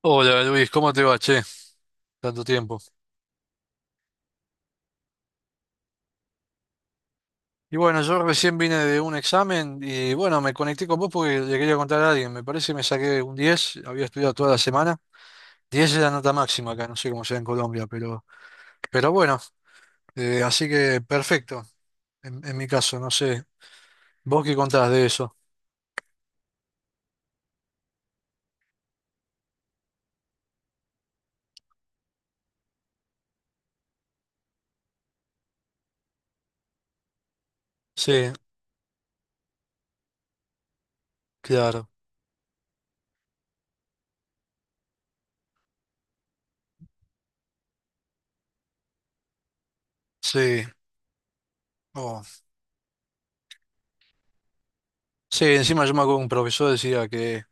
Hola Luis, ¿cómo te va, che? Tanto tiempo. Y bueno, yo recién vine de un examen y bueno, me conecté con vos porque le quería contar a alguien. Me parece que me saqué un 10, había estudiado toda la semana. 10 es la nota máxima acá, no sé cómo sea en Colombia, pero bueno, así que perfecto, en mi caso, no sé. ¿Vos qué contás de eso? Sí, claro, sí. Oh. Sí, encima yo me acuerdo que un profesor decía que,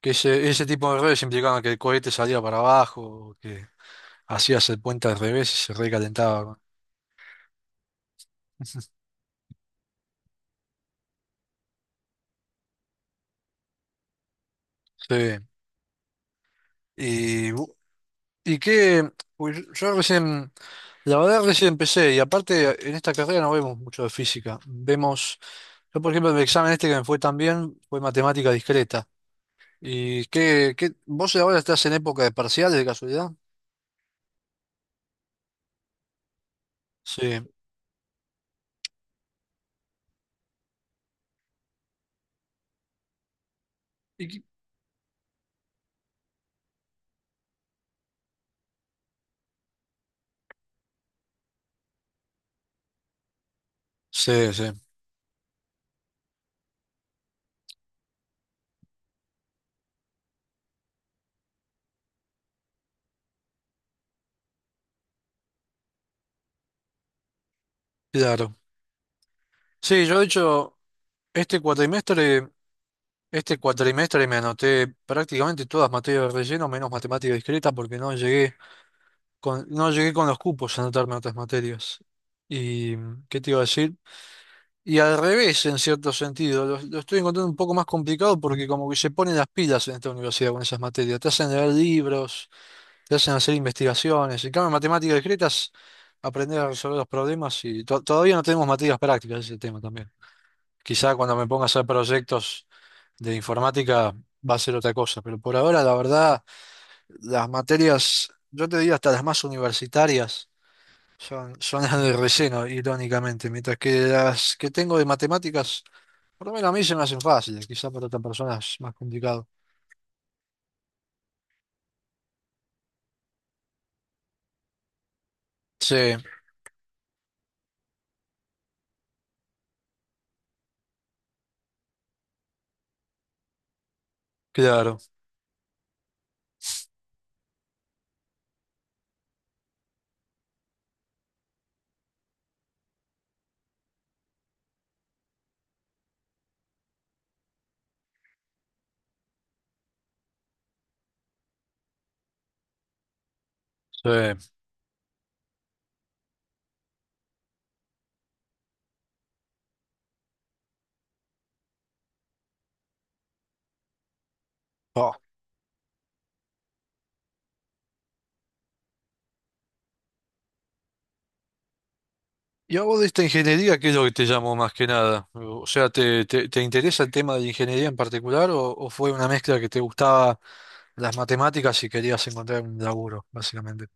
que ese tipo de errores implicaban que el cohete salía para abajo, que hacías el puente al revés y se recalentaba. Sí. Y, bu- y qué, pues yo recién, la verdad recién empecé, y aparte en esta carrera no vemos mucho de física. Vemos, yo por ejemplo en el examen este que me fue tan bien fue matemática discreta. ¿Y vos ahora estás en época de parciales de casualidad? Sí. ¿Y qué- Sí, sí, claro. Sí, yo de hecho, este cuatrimestre, este cuatrimestre me anoté prácticamente todas materias de relleno, menos matemática discreta, porque no llegué, no llegué con los cupos a anotarme a otras materias. ¿Y qué te iba a decir? Y al revés, en cierto sentido, lo estoy encontrando un poco más complicado porque como que se ponen las pilas en esta universidad con esas materias. Te hacen leer libros, te hacen hacer investigaciones. En cambio, en matemáticas discretas, aprender a resolver los problemas y todavía no tenemos materias prácticas, ese tema también. Quizá cuando me ponga a hacer proyectos de informática va a ser otra cosa, pero por ahora, la verdad, las materias, yo te digo hasta las más universitarias. Son las de relleno, irónicamente, mientras que las que tengo de matemáticas, por lo menos a mí se me hacen fáciles, quizá para otras personas es más complicado. Sí, claro, sí. Oh. Y a vos de esta ingeniería, ¿qué es lo que te llamó más que nada? O sea, ¿te interesa el tema de la ingeniería en particular o, fue una mezcla que te gustaba las matemáticas y querías encontrar un laburo, básicamente?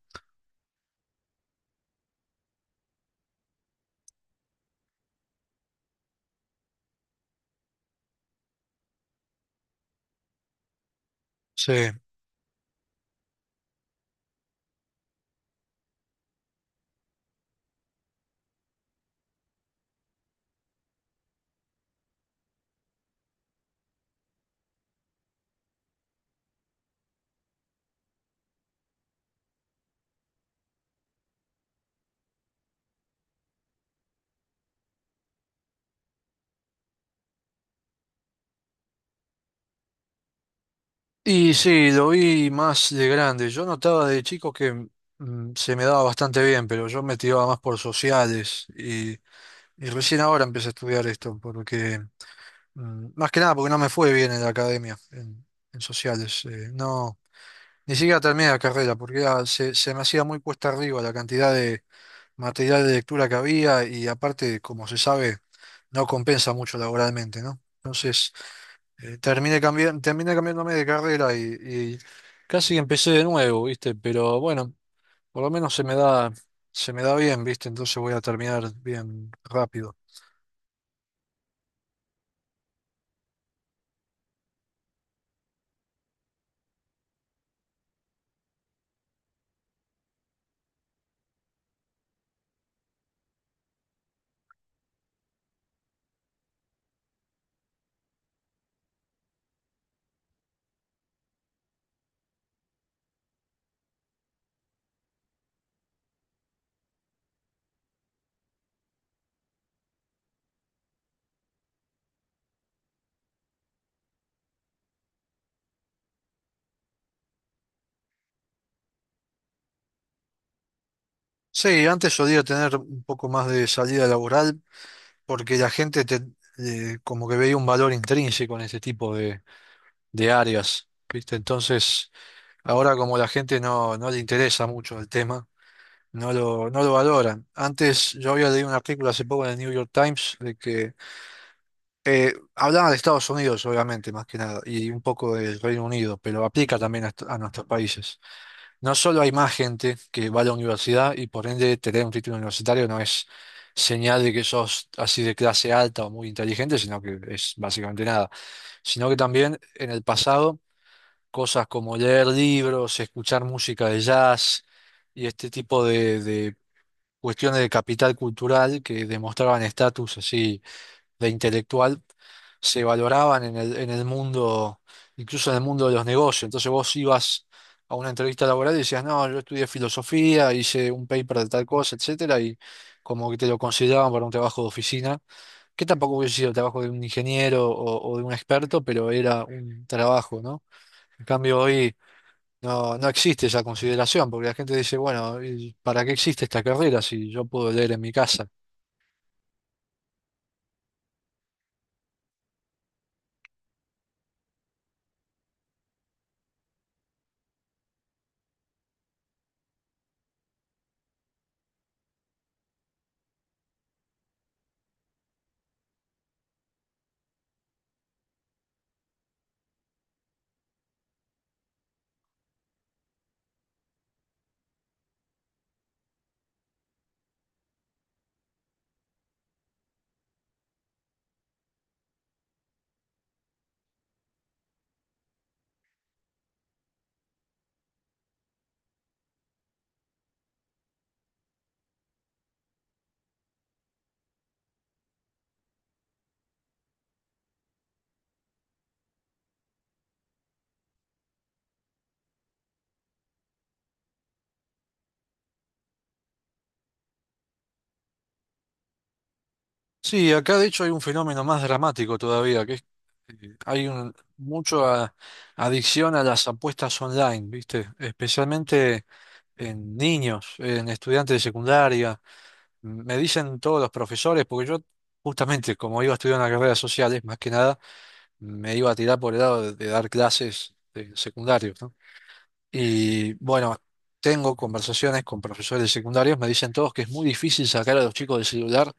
Sí. Y sí, lo vi más de grande. Yo notaba de chico que se me daba bastante bien, pero yo me tiraba más por sociales y recién ahora empecé a estudiar esto, porque más que nada porque no me fue bien en la academia, en sociales. No, ni siquiera terminé la carrera, porque se me hacía muy cuesta arriba la cantidad de material de lectura que había y aparte, como se sabe, no compensa mucho laboralmente, ¿no? Entonces terminé cambiando, terminé cambiándome de carrera y casi empecé de nuevo, ¿viste? Pero bueno, por lo menos se me da bien, ¿viste? Entonces voy a terminar bien rápido. Sí, antes solía tener un poco más de salida laboral porque la gente como que veía un valor intrínseco en este tipo de áreas, ¿viste? Entonces, ahora como la gente no le interesa mucho el tema, no lo valoran. Antes yo había leído un artículo hace poco en el New York Times de que hablaba de Estados Unidos, obviamente, más que nada, y un poco del Reino Unido, pero aplica también a nuestros países. No solo hay más gente que va a la universidad y por ende tener un título universitario no es señal de que sos así de clase alta o muy inteligente, sino que es básicamente nada. Sino que también en el pasado cosas como leer libros, escuchar música de jazz y este tipo de cuestiones de capital cultural que demostraban estatus así de intelectual se valoraban en el mundo, incluso en el mundo de los negocios. Entonces vos ibas a una entrevista laboral y decías, no, yo estudié filosofía, hice un paper de tal cosa, etcétera, y como que te lo consideraban para un trabajo de oficina, que tampoco hubiese sido el trabajo de un ingeniero o, de un experto, pero era un trabajo, ¿no? En cambio hoy no existe esa consideración, porque la gente dice, bueno, y ¿para qué existe esta carrera si yo puedo leer en mi casa? Sí, acá de hecho hay un fenómeno más dramático todavía, que es, hay un, mucho adicción a las apuestas online, ¿viste? Especialmente en niños, en estudiantes de secundaria. Me dicen todos los profesores, porque yo justamente como iba a estudiar una carrera de sociales, más que nada, me iba a tirar por el lado de dar clases de secundarios, ¿no? Y bueno, tengo conversaciones con profesores de secundarios, me dicen todos que es muy difícil sacar a los chicos del celular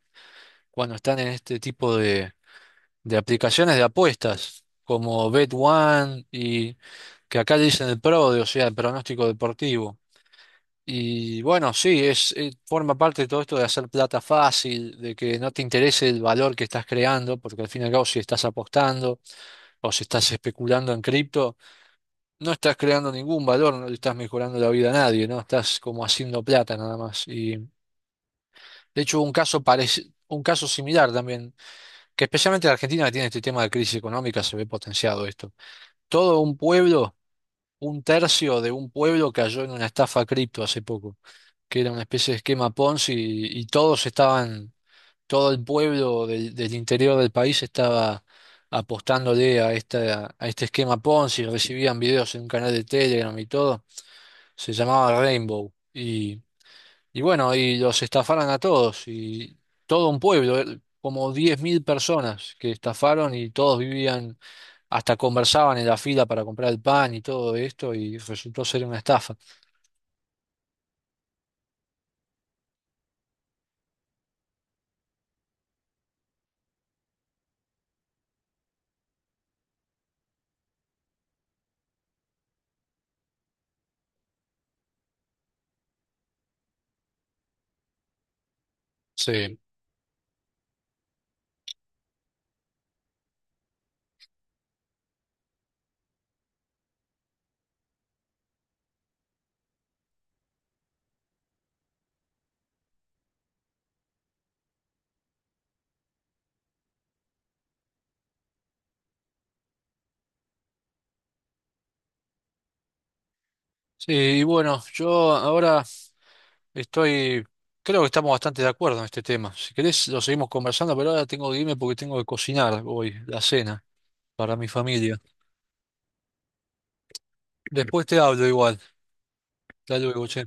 cuando están en este tipo de aplicaciones de apuestas, como BetOne y que acá le dicen el PRODE, o sea, el pronóstico deportivo. Y bueno, sí, forma parte de todo esto de hacer plata fácil, de que no te interese el valor que estás creando, porque al fin y al cabo si estás apostando o si estás especulando en cripto, no estás creando ningún valor, no le estás mejorando la vida a nadie, ¿no? Estás como haciendo plata nada más. Y de hecho, hubo un caso similar también, que especialmente la Argentina que tiene este tema de crisis económica se ve potenciado esto. Todo un pueblo Un tercio de un pueblo cayó en una estafa cripto hace poco, que era una especie de esquema Ponzi y todo el pueblo del interior del país estaba apostándole a este esquema Ponzi, recibían videos en un canal de Telegram y todo, se llamaba Rainbow y bueno, y los estafaron a todos y todo un pueblo, como 10.000 personas que estafaron y todos vivían hasta conversaban en la fila para comprar el pan y todo esto y resultó ser una estafa. Sí. Sí, y bueno, yo ahora estoy, creo que estamos bastante de acuerdo en este tema. Si querés, lo seguimos conversando, pero ahora tengo que irme porque tengo que cocinar hoy la cena para mi familia. Después te hablo igual. Hasta luego, che.